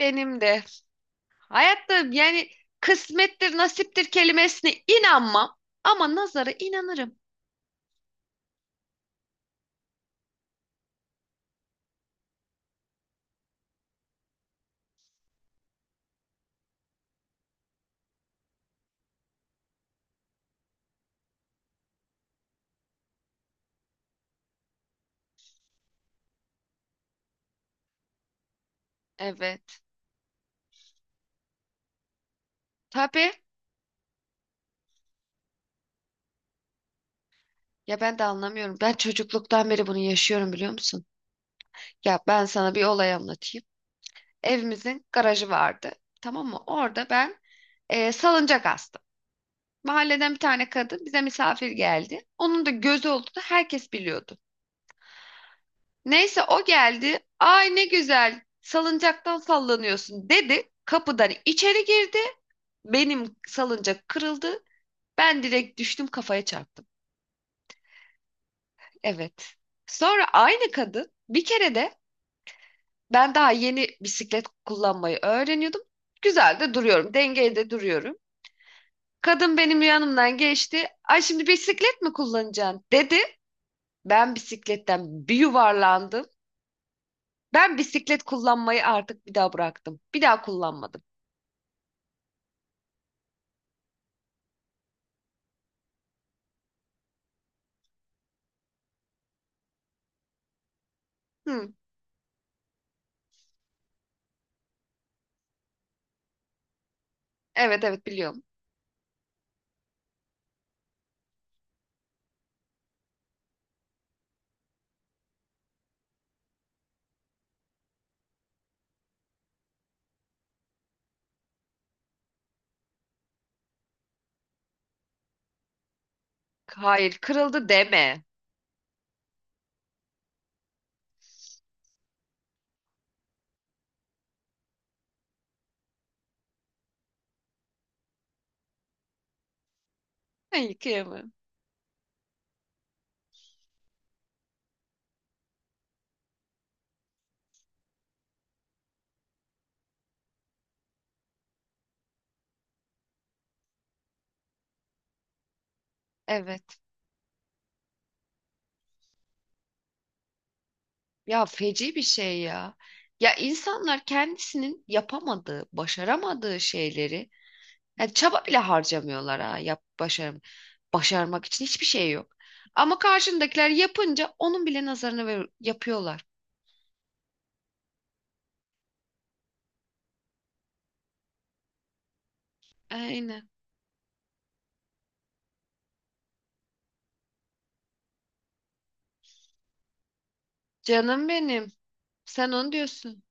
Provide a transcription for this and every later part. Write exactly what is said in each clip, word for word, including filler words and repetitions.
Benim de. Hayatta yani kısmettir, nasiptir kelimesine inanmam ama nazara inanırım. Evet. Tabii. Ya ben de anlamıyorum. Ben çocukluktan beri bunu yaşıyorum, biliyor musun? Ya ben sana bir olay anlatayım. Evimizin garajı vardı. Tamam mı? Orada ben e, salıncak astım. Mahalleden bir tane kadın bize misafir geldi. Onun da gözü olduğunu herkes biliyordu. Neyse o geldi. "Ay, ne güzel salıncaktan sallanıyorsun," dedi. Kapıdan içeri girdi. Benim salıncak kırıldı. Ben direkt düştüm, kafaya çarptım. Evet. Sonra aynı kadın bir kere de, ben daha yeni bisiklet kullanmayı öğreniyordum. Güzel de duruyorum. Dengeli de duruyorum. Kadın benim yanımdan geçti. "Ay, şimdi bisiklet mi kullanacaksın," dedi. Ben bisikletten bir yuvarlandım. Ben bisiklet kullanmayı artık bir daha bıraktım. Bir daha kullanmadım. Hı, evet, evet, biliyorum. Hayır, kırıldı deme. Hayır, kıyamam. Evet. Ya, feci bir şey ya. Ya, insanlar kendisinin yapamadığı, başaramadığı şeyleri, yani çaba bile harcamıyorlar ha. Yap, başarım. Başarmak için hiçbir şey yok. Ama karşındakiler yapınca onun bile nazarını ver yapıyorlar. Aynen. Canım benim. Sen onu diyorsun.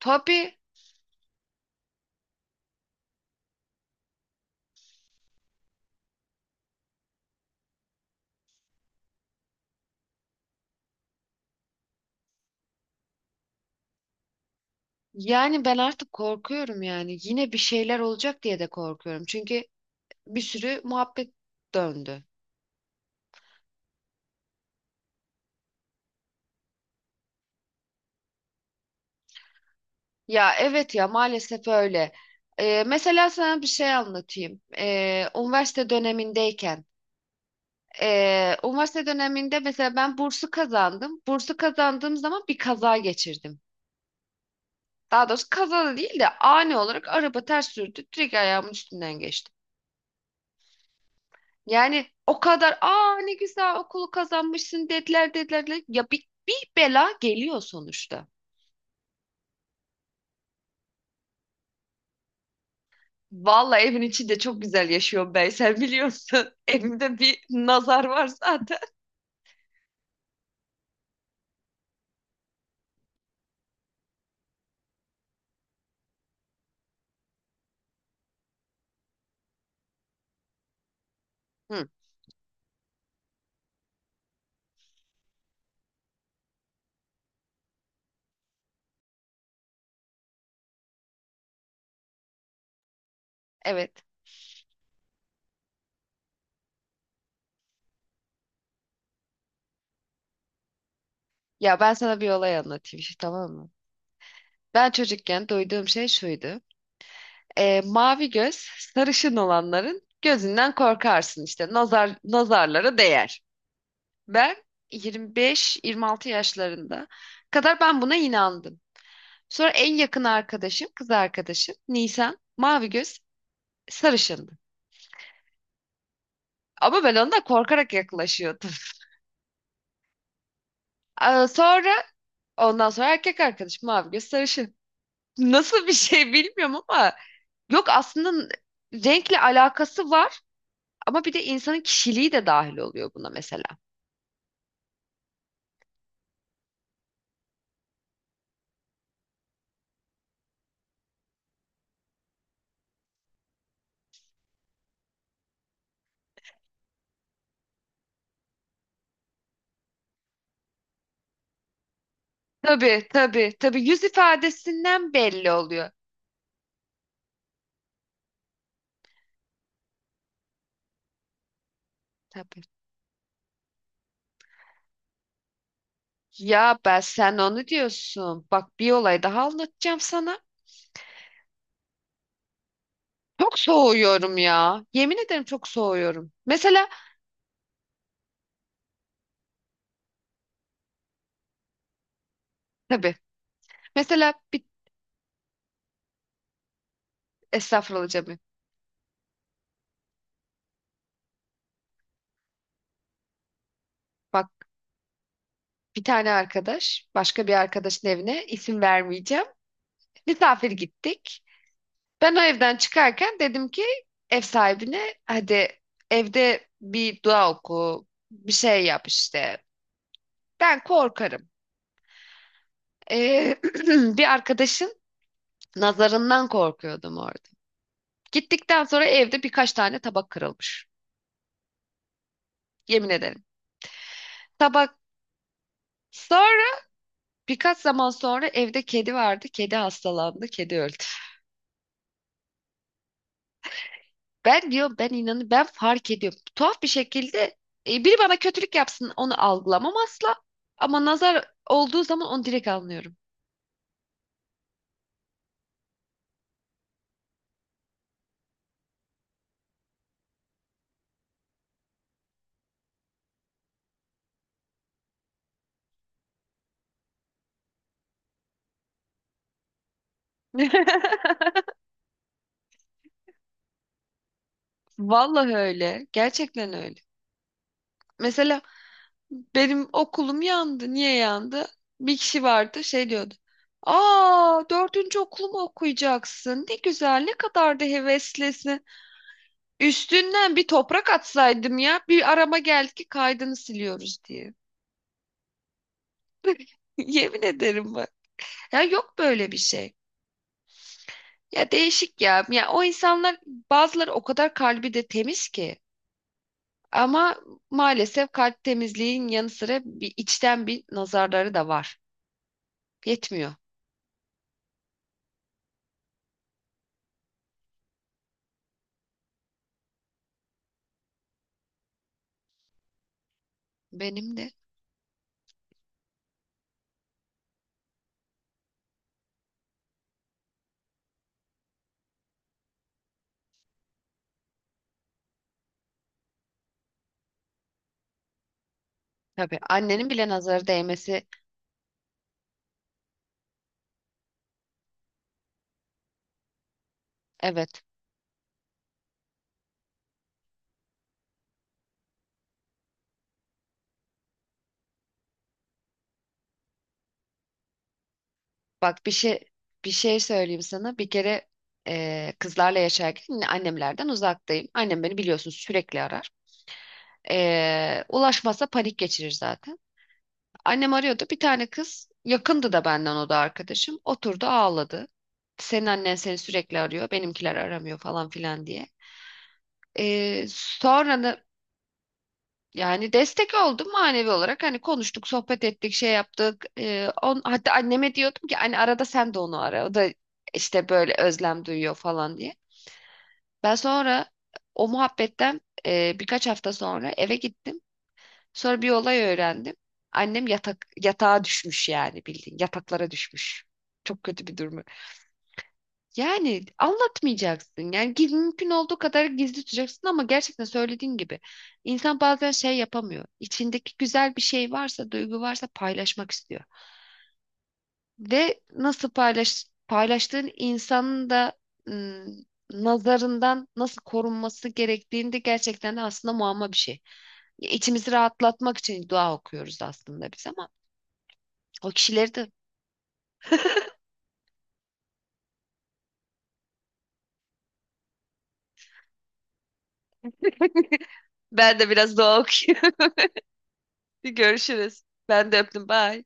Tabii. Yani ben artık korkuyorum yani. Yine bir şeyler olacak diye de korkuyorum. Çünkü bir sürü muhabbet döndü. Ya evet, ya maalesef öyle. Ee, mesela sana bir şey anlatayım. Ee, üniversite dönemindeyken. ee, üniversite döneminde mesela ben bursu kazandım. Bursu kazandığım zaman bir kaza geçirdim. Daha doğrusu kaza da değil de, ani olarak araba ters sürdü. Direkt ayağımın üstünden geçti. Yani, o kadar aa ne güzel okulu kazanmışsın dediler, dediler, dediler. Ya bir, bir bela geliyor sonuçta. Vallahi evin içinde çok güzel yaşıyorum Beysel, biliyorsun. Evimde bir nazar var zaten. Hı, evet. Ya ben sana bir olay anlatayım şimdi, tamam mı? Ben çocukken duyduğum şey şuydu. Ee, mavi göz sarışın olanların gözünden korkarsın, işte nazar nazarlara değer. Ben yirmi beş yirmi altı yaşlarında kadar ben buna inandım. Sonra en yakın arkadaşım, kız arkadaşım Nisan, mavi göz sarışındı. Ama ben ondan korkarak yaklaşıyordum. Aa, sonra ondan sonra erkek arkadaşım mavi göz sarışın. Nasıl bir şey bilmiyorum ama yok aslında, n- renkle alakası var ama bir de insanın kişiliği de dahil oluyor buna mesela. Tabii, tabii, tabii, yüz ifadesinden belli oluyor. Tabii. Ya ben, sen onu diyorsun. Bak, bir olay daha anlatacağım sana. Çok soğuyorum ya. Yemin ederim çok soğuyorum. Mesela tabii. Mesela bir estağfurullah canım. Bak, bir tane arkadaş, başka bir arkadaşın evine, isim vermeyeceğim. Misafir gittik. Ben o evden çıkarken dedim ki ev sahibine, hadi, evde bir dua oku, bir şey yap işte. Ben korkarım. Ee, bir arkadaşın nazarından korkuyordum orada. Gittikten sonra evde birkaç tane tabak kırılmış. Yemin ederim. Tabak, sonra birkaç zaman sonra, evde kedi vardı. Kedi hastalandı, kedi öldü. Ben diyor, ben inanı ben fark ediyorum. Tuhaf bir şekilde e, biri bana kötülük yapsın onu algılamam asla. Ama nazar olduğu zaman onu direkt anlıyorum. Vallahi öyle. Gerçekten öyle. Mesela benim okulum yandı. Niye yandı? Bir kişi vardı, şey diyordu. "Aa, dördüncü okulumu okuyacaksın. Ne güzel, ne kadar da heveslisin." Üstünden bir toprak atsaydım ya. Bir arama geldi ki kaydını siliyoruz diye. Yemin ederim. Ya, yok böyle bir şey. Ya değişik ya. Ya o insanlar, bazıları o kadar kalbi de temiz ki. Ama maalesef kalp temizliğin yanı sıra bir içten bir nazarları da var. Yetmiyor. Benim de. Tabii, annenin bile nazarı değmesi. Evet. Bak, bir şey, bir şey söyleyeyim sana. Bir kere eee, kızlarla yaşarken, yine annemlerden uzaktayım. Annem beni biliyorsun sürekli arar. Eee ulaşmazsa panik geçirir zaten. Annem arıyordu. Bir tane kız yakındı da benden, o da arkadaşım. Oturdu, ağladı. "Senin annen seni sürekli arıyor. Benimkiler aramıyor," falan filan diye. Ee, sonra da yani destek oldum manevi olarak. Hani konuştuk, sohbet ettik, şey yaptık. Ee, on, hatta anneme diyordum ki hani arada sen de onu ara. O da işte böyle özlem duyuyor falan diye. Ben sonra o muhabbetten e, birkaç hafta sonra eve gittim. Sonra bir olay öğrendim. Annem yatak yatağa düşmüş, yani bildiğin yataklara düşmüş. Çok kötü bir durumu. Yani anlatmayacaksın. Yani giz- mümkün olduğu kadar gizli tutacaksın ama gerçekten, söylediğin gibi, insan bazen şey yapamıyor. İçindeki güzel bir şey varsa, duygu varsa paylaşmak istiyor. Ve nasıl paylaş paylaştığın insanın da ım, nazarından nasıl korunması gerektiğini de gerçekten de aslında muamma bir şey. İçimizi rahatlatmak için dua okuyoruz aslında biz, ama O kişileri de. Ben de biraz doğa okuyorum. Görüşürüz. Ben de öptüm. Bye.